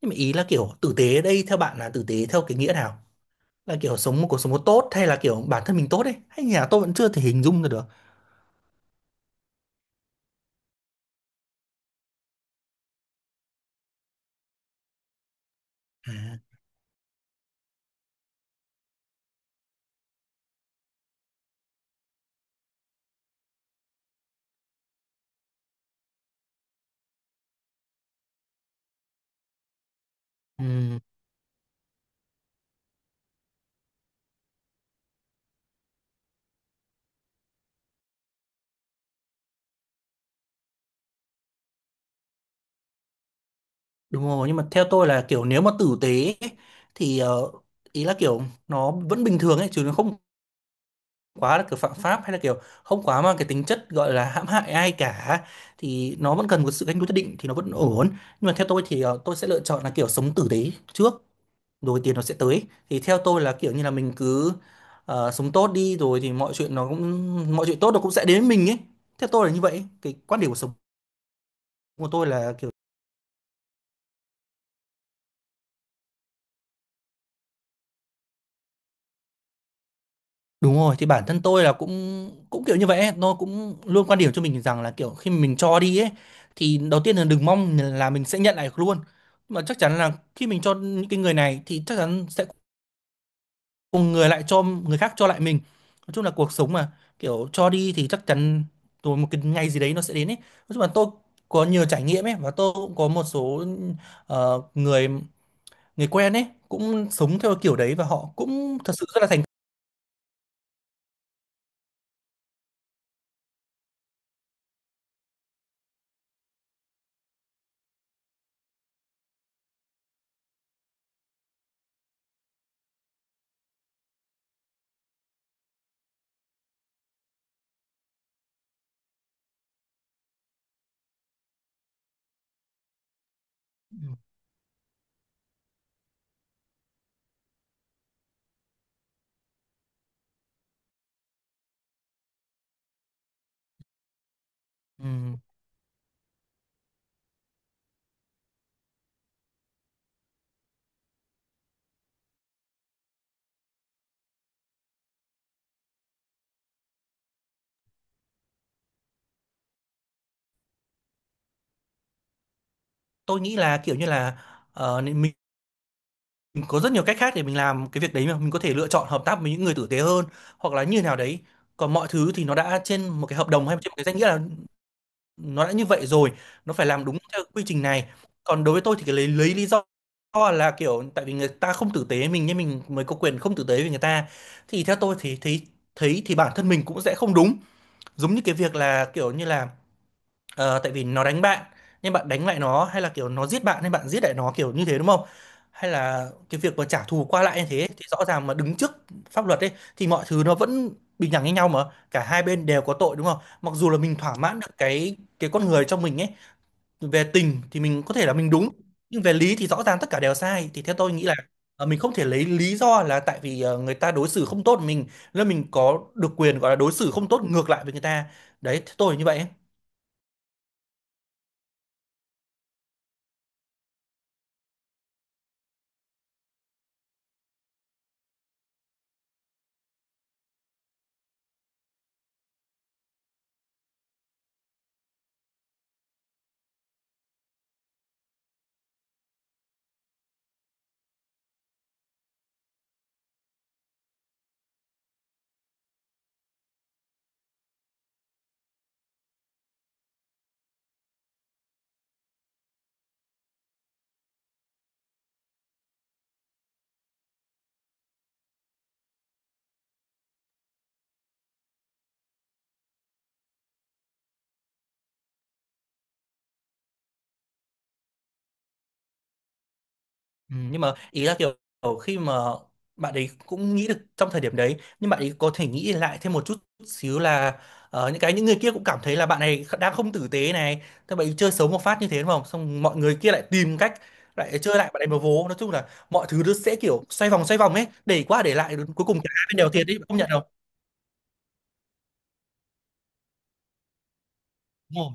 Nhưng mà ý là kiểu tử tế ở đây theo bạn là tử tế theo cái nghĩa nào? Là kiểu sống một cuộc sống tốt hay là kiểu bản thân mình tốt ấy? Hay nhà tôi vẫn chưa thể hình dung ra được. À, ừm, đúng rồi, nhưng mà theo tôi là kiểu nếu mà tử tế ấy, thì ý là kiểu nó vẫn bình thường ấy chứ nó không quá là kiểu phạm pháp hay là kiểu không quá mang cái tính chất gọi là hãm hại ai cả, thì nó vẫn cần một sự canh đối nhất định thì nó vẫn ổn. Nhưng mà theo tôi thì tôi sẽ lựa chọn là kiểu sống tử tế trước rồi tiền nó sẽ tới. Thì theo tôi là kiểu như là mình cứ sống tốt đi rồi thì mọi chuyện tốt nó cũng sẽ đến với mình ấy, theo tôi là như vậy. Cái quan điểm của sống của tôi là kiểu đúng rồi, thì bản thân tôi là cũng cũng kiểu như vậy ấy. Nó cũng luôn quan điểm cho mình rằng là kiểu khi mình cho đi ấy, thì đầu tiên là đừng mong là mình sẽ nhận lại được luôn, mà chắc chắn là khi mình cho những cái người này thì chắc chắn sẽ cùng người lại cho người khác cho lại mình. Nói chung là cuộc sống mà kiểu cho đi thì chắc chắn rồi một cái ngày gì đấy nó sẽ đến ấy. Nói chung là tôi có nhiều trải nghiệm ấy, và tôi cũng có một số người người quen ấy cũng sống theo kiểu đấy và họ cũng thật sự rất là thành công. Ừm, tôi nghĩ là kiểu như là nên mình có rất nhiều cách khác để mình làm cái việc đấy, mà mình có thể lựa chọn hợp tác với những người tử tế hơn hoặc là như nào đấy. Còn mọi thứ thì nó đã trên một cái hợp đồng hay trên một cái danh nghĩa nào, nó đã như vậy rồi nó phải làm đúng theo quy trình này. Còn đối với tôi thì cái lấy lý do là kiểu tại vì người ta không tử tế mình nên mình mới có quyền không tử tế với người ta, thì theo tôi thì thấy thấy thì bản thân mình cũng sẽ không đúng. Giống như cái việc là kiểu như là, tại vì nó đánh bạn nhưng bạn đánh lại nó, hay là kiểu nó giết bạn nên bạn giết lại nó kiểu như thế đúng không? Hay là cái việc mà trả thù qua lại như thế thì rõ ràng mà đứng trước pháp luật ấy, thì mọi thứ nó vẫn bình đẳng với nhau mà, cả hai bên đều có tội đúng không? Mặc dù là mình thỏa mãn được cái con người trong mình ấy, về tình thì mình có thể là mình đúng nhưng về lý thì rõ ràng tất cả đều sai, thì theo tôi nghĩ là mình không thể lấy lý do là tại vì người ta đối xử không tốt với mình nên mình có được quyền gọi là đối xử không tốt ngược lại với người ta. Đấy theo tôi là như vậy. Ừ, nhưng mà ý là kiểu kiểu khi mà bạn ấy cũng nghĩ được trong thời điểm đấy, nhưng bạn ấy có thể nghĩ lại thêm một chút xíu là những người kia cũng cảm thấy là bạn này đang không tử tế này, thế bạn ấy chơi xấu một phát như thế đúng không, xong mọi người kia lại tìm cách lại chơi lại bạn ấy một vố. Nói chung là mọi thứ nó sẽ kiểu xoay vòng ấy, để qua để lại đến cuối cùng cả hai bên đều thiệt đấy, bạn không nhận đâu. Đúng rồi.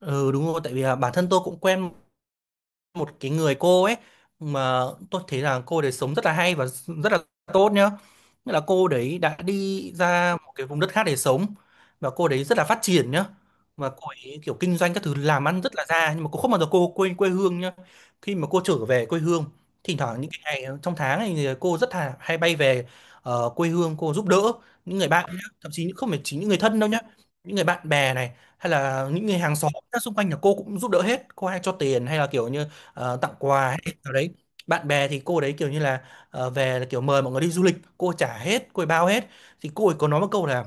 Ừ đúng rồi, tại vì là bản thân tôi cũng quen một cái người cô ấy mà tôi thấy là cô đấy sống rất là hay và rất là tốt nhá. Nghĩa là cô đấy đã đi ra một cái vùng đất khác để sống và cô đấy rất là phát triển nhá. Và cô ấy kiểu kinh doanh các thứ làm ăn rất là ra, nhưng mà cô không bao giờ cô quên quê hương nhá. Khi mà cô trở về quê hương, thỉnh thoảng những cái ngày trong tháng này thì cô rất là hay bay về quê hương cô giúp đỡ những người bạn nhá. Thậm chí không phải chỉ những người thân đâu nhá, những người bạn bè này hay là những người hàng xóm xung quanh là cô cũng giúp đỡ hết, cô hay cho tiền hay là kiểu như tặng quà hay nào đấy. Bạn bè thì cô đấy kiểu như là về là kiểu mời mọi người đi du lịch cô trả hết, cô ấy bao hết. Thì cô ấy có nói một câu là,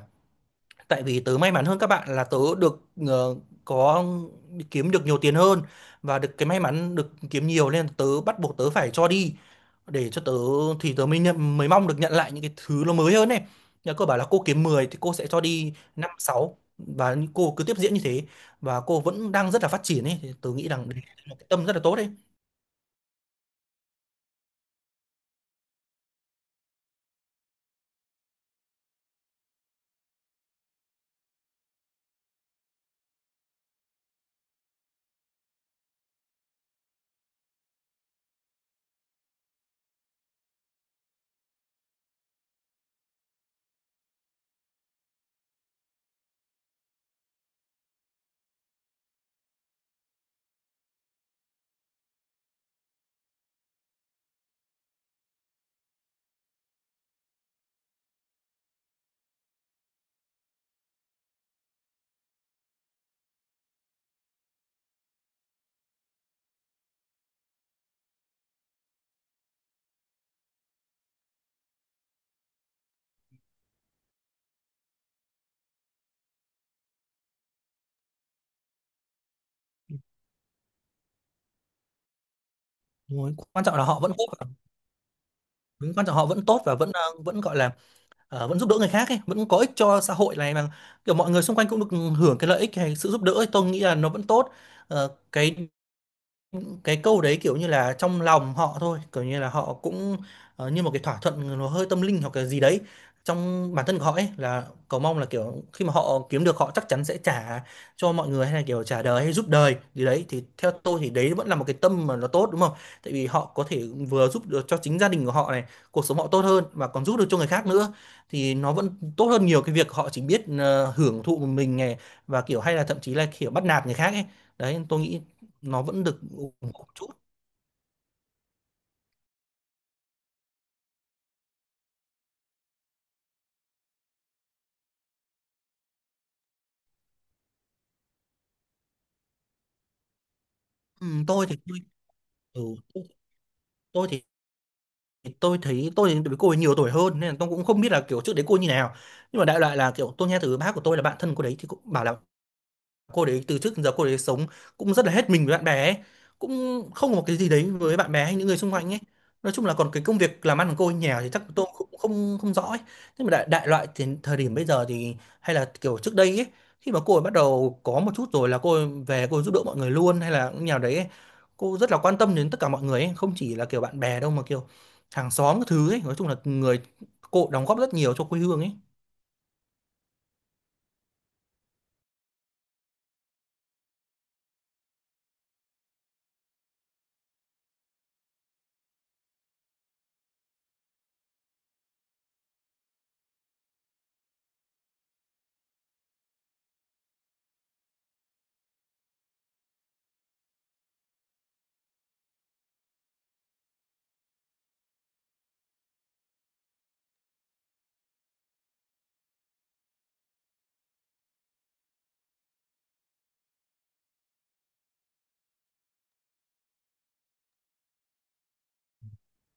tại vì tớ may mắn hơn các bạn là tớ được ờ, có kiếm được nhiều tiền hơn và được cái may mắn được kiếm nhiều nên tớ bắt buộc tớ phải cho đi, để cho tớ thì tớ mới nhận, mới mong được nhận lại những cái thứ nó mới hơn này. Nhà cô bảo là cô kiếm 10 thì cô sẽ cho đi 5 sáu, và cô cứ tiếp diễn như thế, và cô vẫn đang rất là phát triển ấy, thì tớ nghĩ rằng đấy là một cái tâm rất là tốt đấy. Đúng rồi. Quan trọng là họ vẫn tốt đúng, quan trọng họ vẫn tốt và vẫn gọi là vẫn giúp đỡ người khác ấy, vẫn có ích cho xã hội này mà, kiểu mọi người xung quanh cũng được hưởng cái lợi ích hay sự giúp đỡ ấy. Tôi nghĩ là nó vẫn tốt. Ờ, cái cái câu đấy kiểu như là trong lòng họ thôi, kiểu như là họ cũng như một cái thỏa thuận, nó hơi tâm linh hoặc cái gì đấy trong bản thân của họ ấy, là cầu mong là kiểu khi mà họ kiếm được họ chắc chắn sẽ trả cho mọi người, hay là kiểu trả đời hay giúp đời gì đấy, thì theo tôi thì đấy vẫn là một cái tâm mà nó tốt đúng không. Tại vì họ có thể vừa giúp được cho chính gia đình của họ này, cuộc sống họ tốt hơn, mà còn giúp được cho người khác nữa, thì nó vẫn tốt hơn nhiều cái việc họ chỉ biết hưởng thụ một mình này, và kiểu hay là thậm chí là kiểu bắt nạt người khác ấy. Đấy tôi nghĩ nó vẫn được ủng hộ một chút. Ừ, tôi thì tôi, ừ, tôi tôi thì Tôi thì với cô ấy nhiều tuổi hơn nên là tôi cũng không biết là kiểu trước đấy cô như nào. Nhưng mà đại loại là kiểu tôi nghe từ bác của tôi là bạn thân cô đấy thì cũng bảo là cô đấy từ trước đến giờ cô đấy sống cũng rất là hết mình với bạn bè ấy, cũng không có một cái gì đấy với bạn bè hay những người xung quanh ấy. Nói chung là còn cái công việc làm ăn của cô ở nhà thì chắc tôi cũng không không rõ ấy. Nhưng mà đại loại thì thời điểm bây giờ thì hay là kiểu trước đây ấy, khi mà cô ấy bắt đầu có một chút rồi là cô ấy về cô ấy giúp đỡ mọi người luôn, hay là nhà đấy ấy. Cô rất là quan tâm đến tất cả mọi người ấy, không chỉ là kiểu bạn bè đâu mà kiểu hàng xóm cái thứ ấy. Nói chung là người cô đóng góp rất nhiều cho quê hương ấy.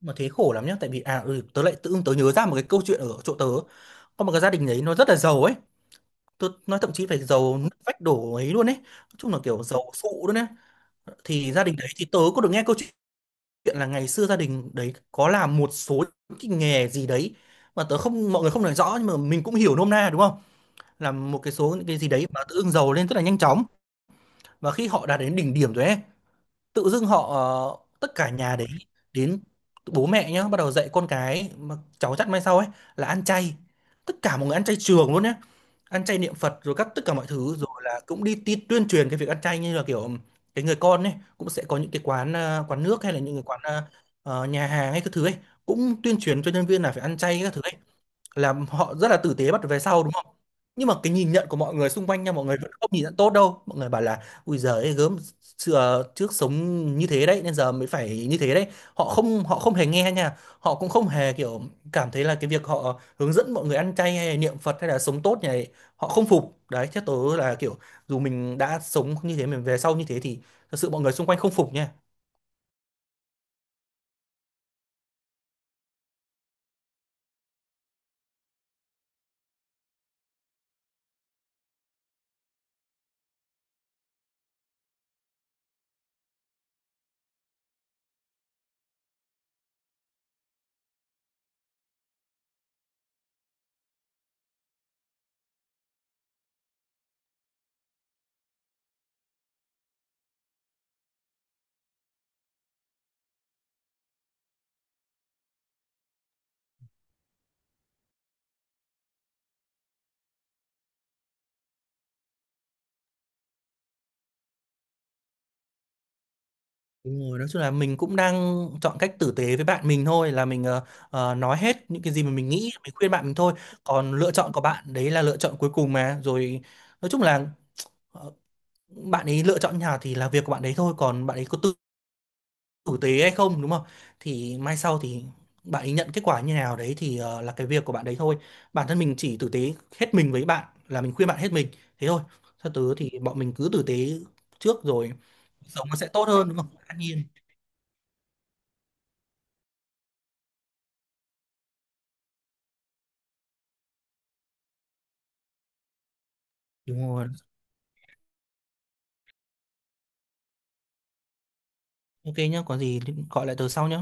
Mà thế khổ lắm nhá, tại vì tớ lại tự dưng tớ nhớ ra một cái câu chuyện ở chỗ tớ. Có một cái gia đình đấy nó rất là giàu ấy, tôi nói thậm chí phải giàu nứt vách đổ ấy luôn ấy, nói chung là kiểu giàu sụ luôn ấy. Thì gia đình đấy thì tớ có được nghe câu chuyện là ngày xưa gia đình đấy có làm một số cái nghề gì đấy mà tớ không mọi người không nói rõ, nhưng mà mình cũng hiểu nôm na đúng không, làm một cái số những cái gì đấy mà tự dưng giàu lên rất là nhanh chóng. Và khi họ đạt đến đỉnh điểm rồi ấy, tự dưng họ tất cả nhà đấy đến bố mẹ nhá bắt đầu dạy con cái mà cháu chắt mai sau ấy là ăn chay, tất cả mọi người ăn chay trường luôn nhé. Ăn chay niệm Phật rồi tất cả mọi thứ, rồi là cũng đi, tuyên truyền cái việc ăn chay, như là kiểu cái người con ấy cũng sẽ có những cái quán quán nước hay là những cái nhà hàng hay các thứ ấy cũng tuyên truyền cho nhân viên là phải ăn chay các thứ ấy, là họ rất là tử tế bắt về sau đúng không. Nhưng mà cái nhìn nhận của mọi người xung quanh nha, mọi người vẫn không nhìn nhận tốt đâu, mọi người bảo là ui giời gớm, xưa trước sống như thế đấy nên giờ mới phải như thế đấy. Họ không hề nghe nha, họ cũng không hề kiểu cảm thấy là cái việc họ hướng dẫn mọi người ăn chay hay niệm Phật hay là sống tốt này, họ không phục đấy chứ. Tớ là kiểu dù mình đã sống như thế mình về sau như thế thì thật sự mọi người xung quanh không phục nha. Đúng rồi, nói chung là mình cũng đang chọn cách tử tế với bạn mình thôi, là mình nói hết những cái gì mà mình nghĩ mình khuyên bạn mình thôi. Còn lựa chọn của bạn đấy là lựa chọn cuối cùng mà rồi, nói chung là ờ, bạn ấy lựa chọn nhà thì là việc của bạn ấy thôi. Còn bạn ấy có tử tế hay không đúng không, thì mai sau thì bạn ấy nhận kết quả như nào đấy thì là cái việc của bạn đấy thôi. Bản thân mình chỉ tử tế hết mình với bạn, là mình khuyên bạn hết mình thế thôi. Sau tứ thì bọn mình cứ tử tế trước rồi cuộc sống nó sẽ tốt hơn đúng không, an nhiên. Đúng rồi. Ok nhá, có gì gọi lại từ sau nhá.